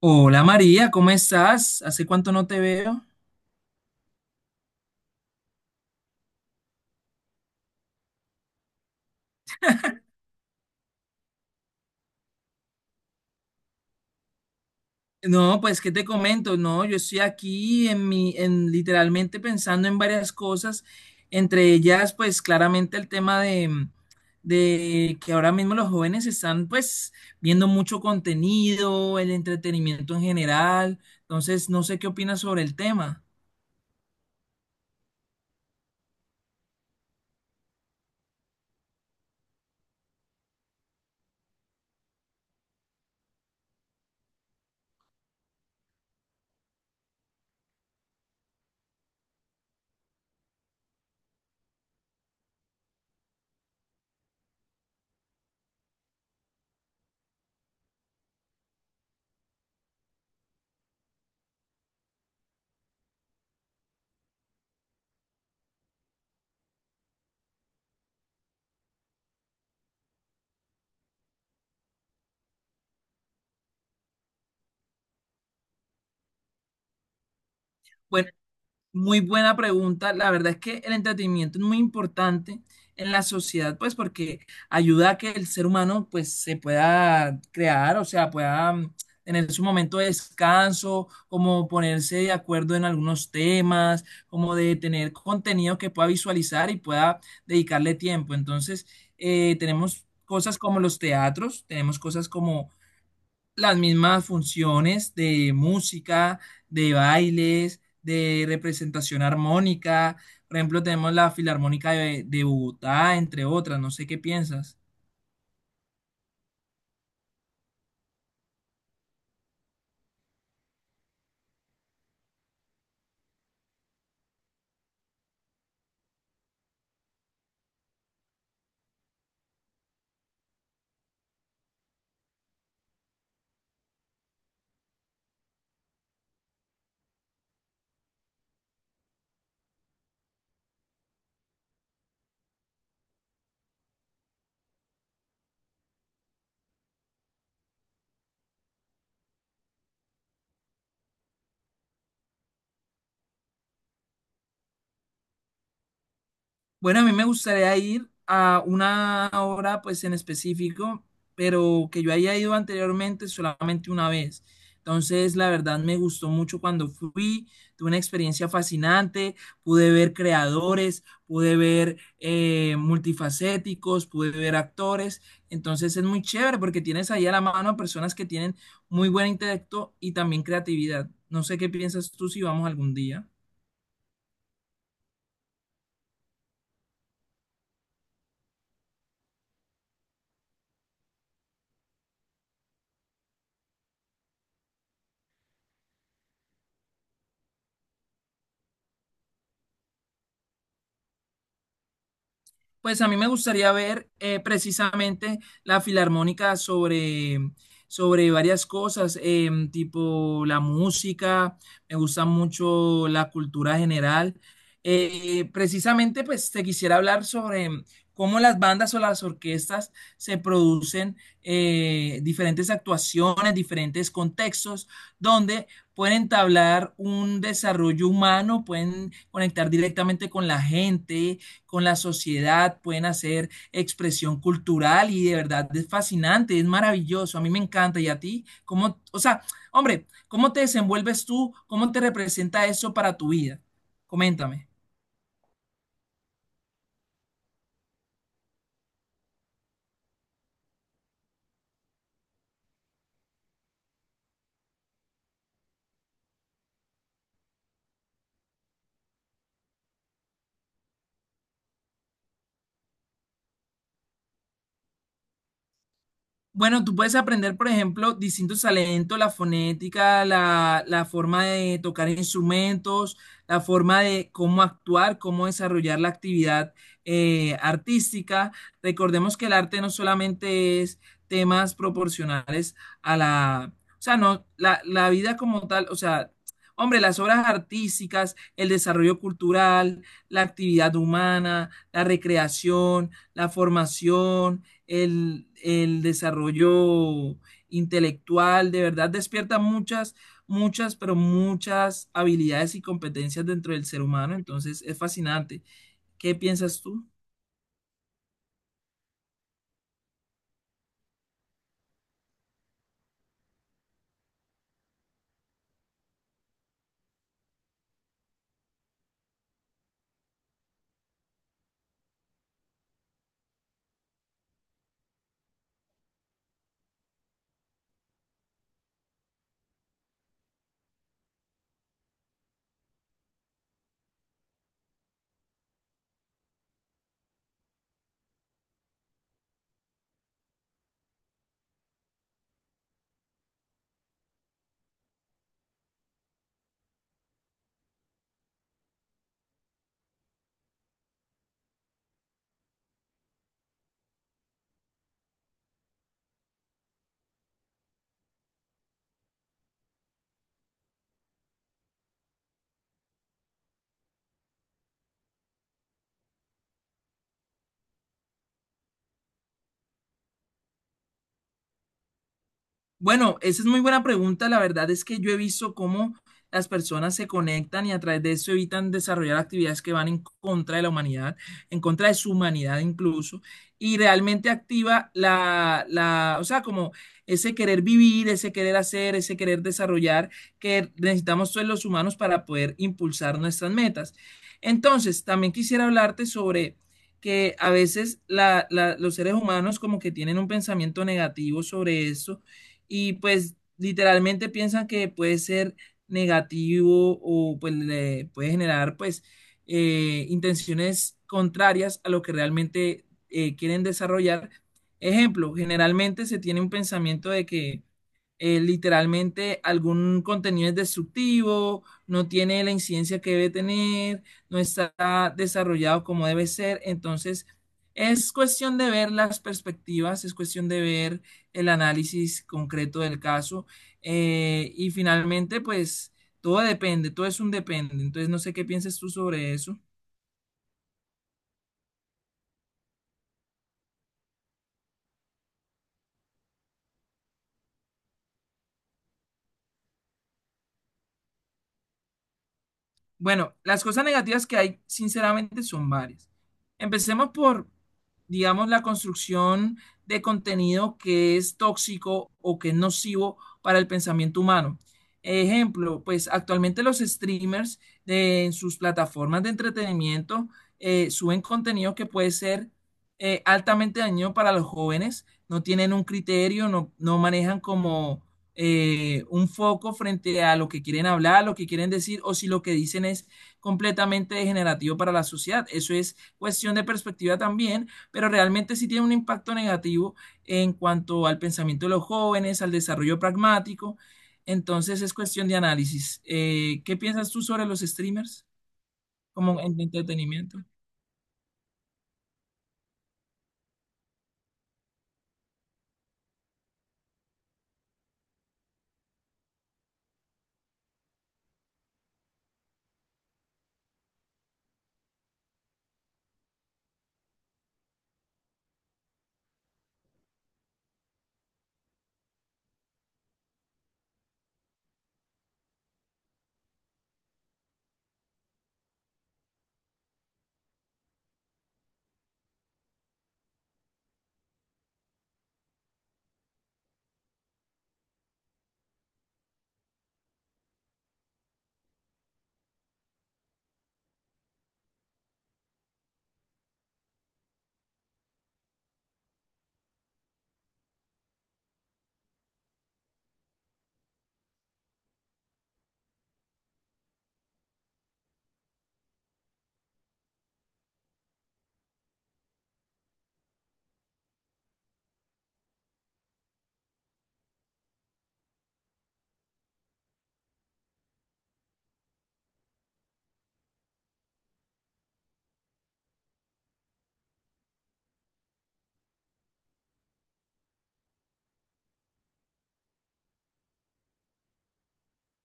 Hola María, ¿cómo estás? ¿Hace cuánto no te veo? No, pues qué te comento, no, yo estoy aquí en literalmente pensando en varias cosas, entre ellas, pues claramente el tema de que ahora mismo los jóvenes están pues viendo mucho contenido, el entretenimiento en general, entonces no sé qué opinas sobre el tema. Bueno, muy buena pregunta. La verdad es que el entretenimiento es muy importante en la sociedad, pues porque ayuda a que el ser humano pues se pueda crear, o sea, pueda tener su momento de descanso, como ponerse de acuerdo en algunos temas, como de tener contenido que pueda visualizar y pueda dedicarle tiempo. Entonces, tenemos cosas como los teatros, tenemos cosas como las mismas funciones de música, de bailes, de representación armónica. Por ejemplo, tenemos la Filarmónica de Bogotá, entre otras. No sé qué piensas. Bueno, a mí me gustaría ir a una obra, pues en específico, pero que yo haya ido anteriormente solamente una vez. Entonces, la verdad me gustó mucho cuando fui, tuve una experiencia fascinante, pude ver creadores, pude ver multifacéticos, pude ver actores. Entonces, es muy chévere porque tienes ahí a la mano a personas que tienen muy buen intelecto y también creatividad. No sé qué piensas tú si vamos algún día. Pues a mí me gustaría ver precisamente la filarmónica sobre varias cosas, tipo la música, me gusta mucho la cultura general. Precisamente, pues te quisiera hablar sobre cómo las bandas o las orquestas se producen diferentes actuaciones, diferentes contextos, donde pueden entablar un desarrollo humano, pueden conectar directamente con la gente con la sociedad, pueden hacer expresión cultural y de verdad es fascinante, es maravilloso, a mí me encanta. Y a ti, ¿cómo, o sea, hombre, cómo te desenvuelves tú? ¿Cómo te representa eso para tu vida? Coméntame. Bueno, tú puedes aprender, por ejemplo, distintos talentos, la fonética, la forma de tocar instrumentos, la forma de cómo actuar, cómo desarrollar la actividad artística. Recordemos que el arte no solamente es temas proporcionales a la, o sea, no, la vida como tal, o sea, hombre, las obras artísticas, el desarrollo cultural, la actividad humana, la recreación, la formación, el desarrollo intelectual, de verdad despierta muchas, muchas, pero muchas habilidades y competencias dentro del ser humano, entonces es fascinante. ¿Qué piensas tú? Bueno, esa es muy buena pregunta. La verdad es que yo he visto cómo las personas se conectan y a través de eso evitan desarrollar actividades que van en contra de la humanidad, en contra de su humanidad incluso, y realmente activa o sea, como ese querer vivir, ese querer hacer, ese querer desarrollar que necesitamos todos los humanos para poder impulsar nuestras metas. Entonces, también quisiera hablarte sobre que a veces los seres humanos como que tienen un pensamiento negativo sobre esto y pues literalmente piensan que puede ser negativo o pues le puede generar pues intenciones contrarias a lo que realmente quieren desarrollar. Ejemplo, generalmente se tiene un pensamiento de que literalmente algún contenido es destructivo, no tiene la incidencia que debe tener, no está desarrollado como debe ser. Entonces, es cuestión de ver las perspectivas, es cuestión de ver el análisis concreto del caso. Y finalmente, pues, todo depende, todo es un depende. Entonces, no sé qué piensas tú sobre eso. Bueno, las cosas negativas que hay, sinceramente, son varias. Empecemos por, digamos, la construcción de contenido que es tóxico o que es nocivo para el pensamiento humano. Ejemplo, pues actualmente los streamers en sus plataformas de entretenimiento suben contenido que puede ser altamente dañino para los jóvenes, no tienen un criterio, no manejan como un foco frente a lo que quieren hablar, lo que quieren decir, o si lo que dicen es completamente degenerativo para la sociedad. Eso es cuestión de perspectiva también, pero realmente sí tiene un impacto negativo en cuanto al pensamiento de los jóvenes, al desarrollo pragmático. Entonces es cuestión de análisis. ¿Qué piensas tú sobre los streamers como de entretenimiento?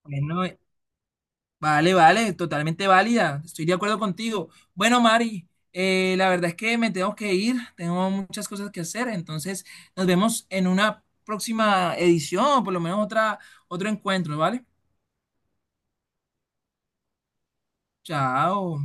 Bueno, vale, vale, totalmente válida. Estoy de acuerdo contigo. Bueno, Mari, la verdad es que me tengo que ir. Tengo muchas cosas que hacer. Entonces, nos vemos en una próxima edición o por lo menos otro encuentro, ¿vale? Chao.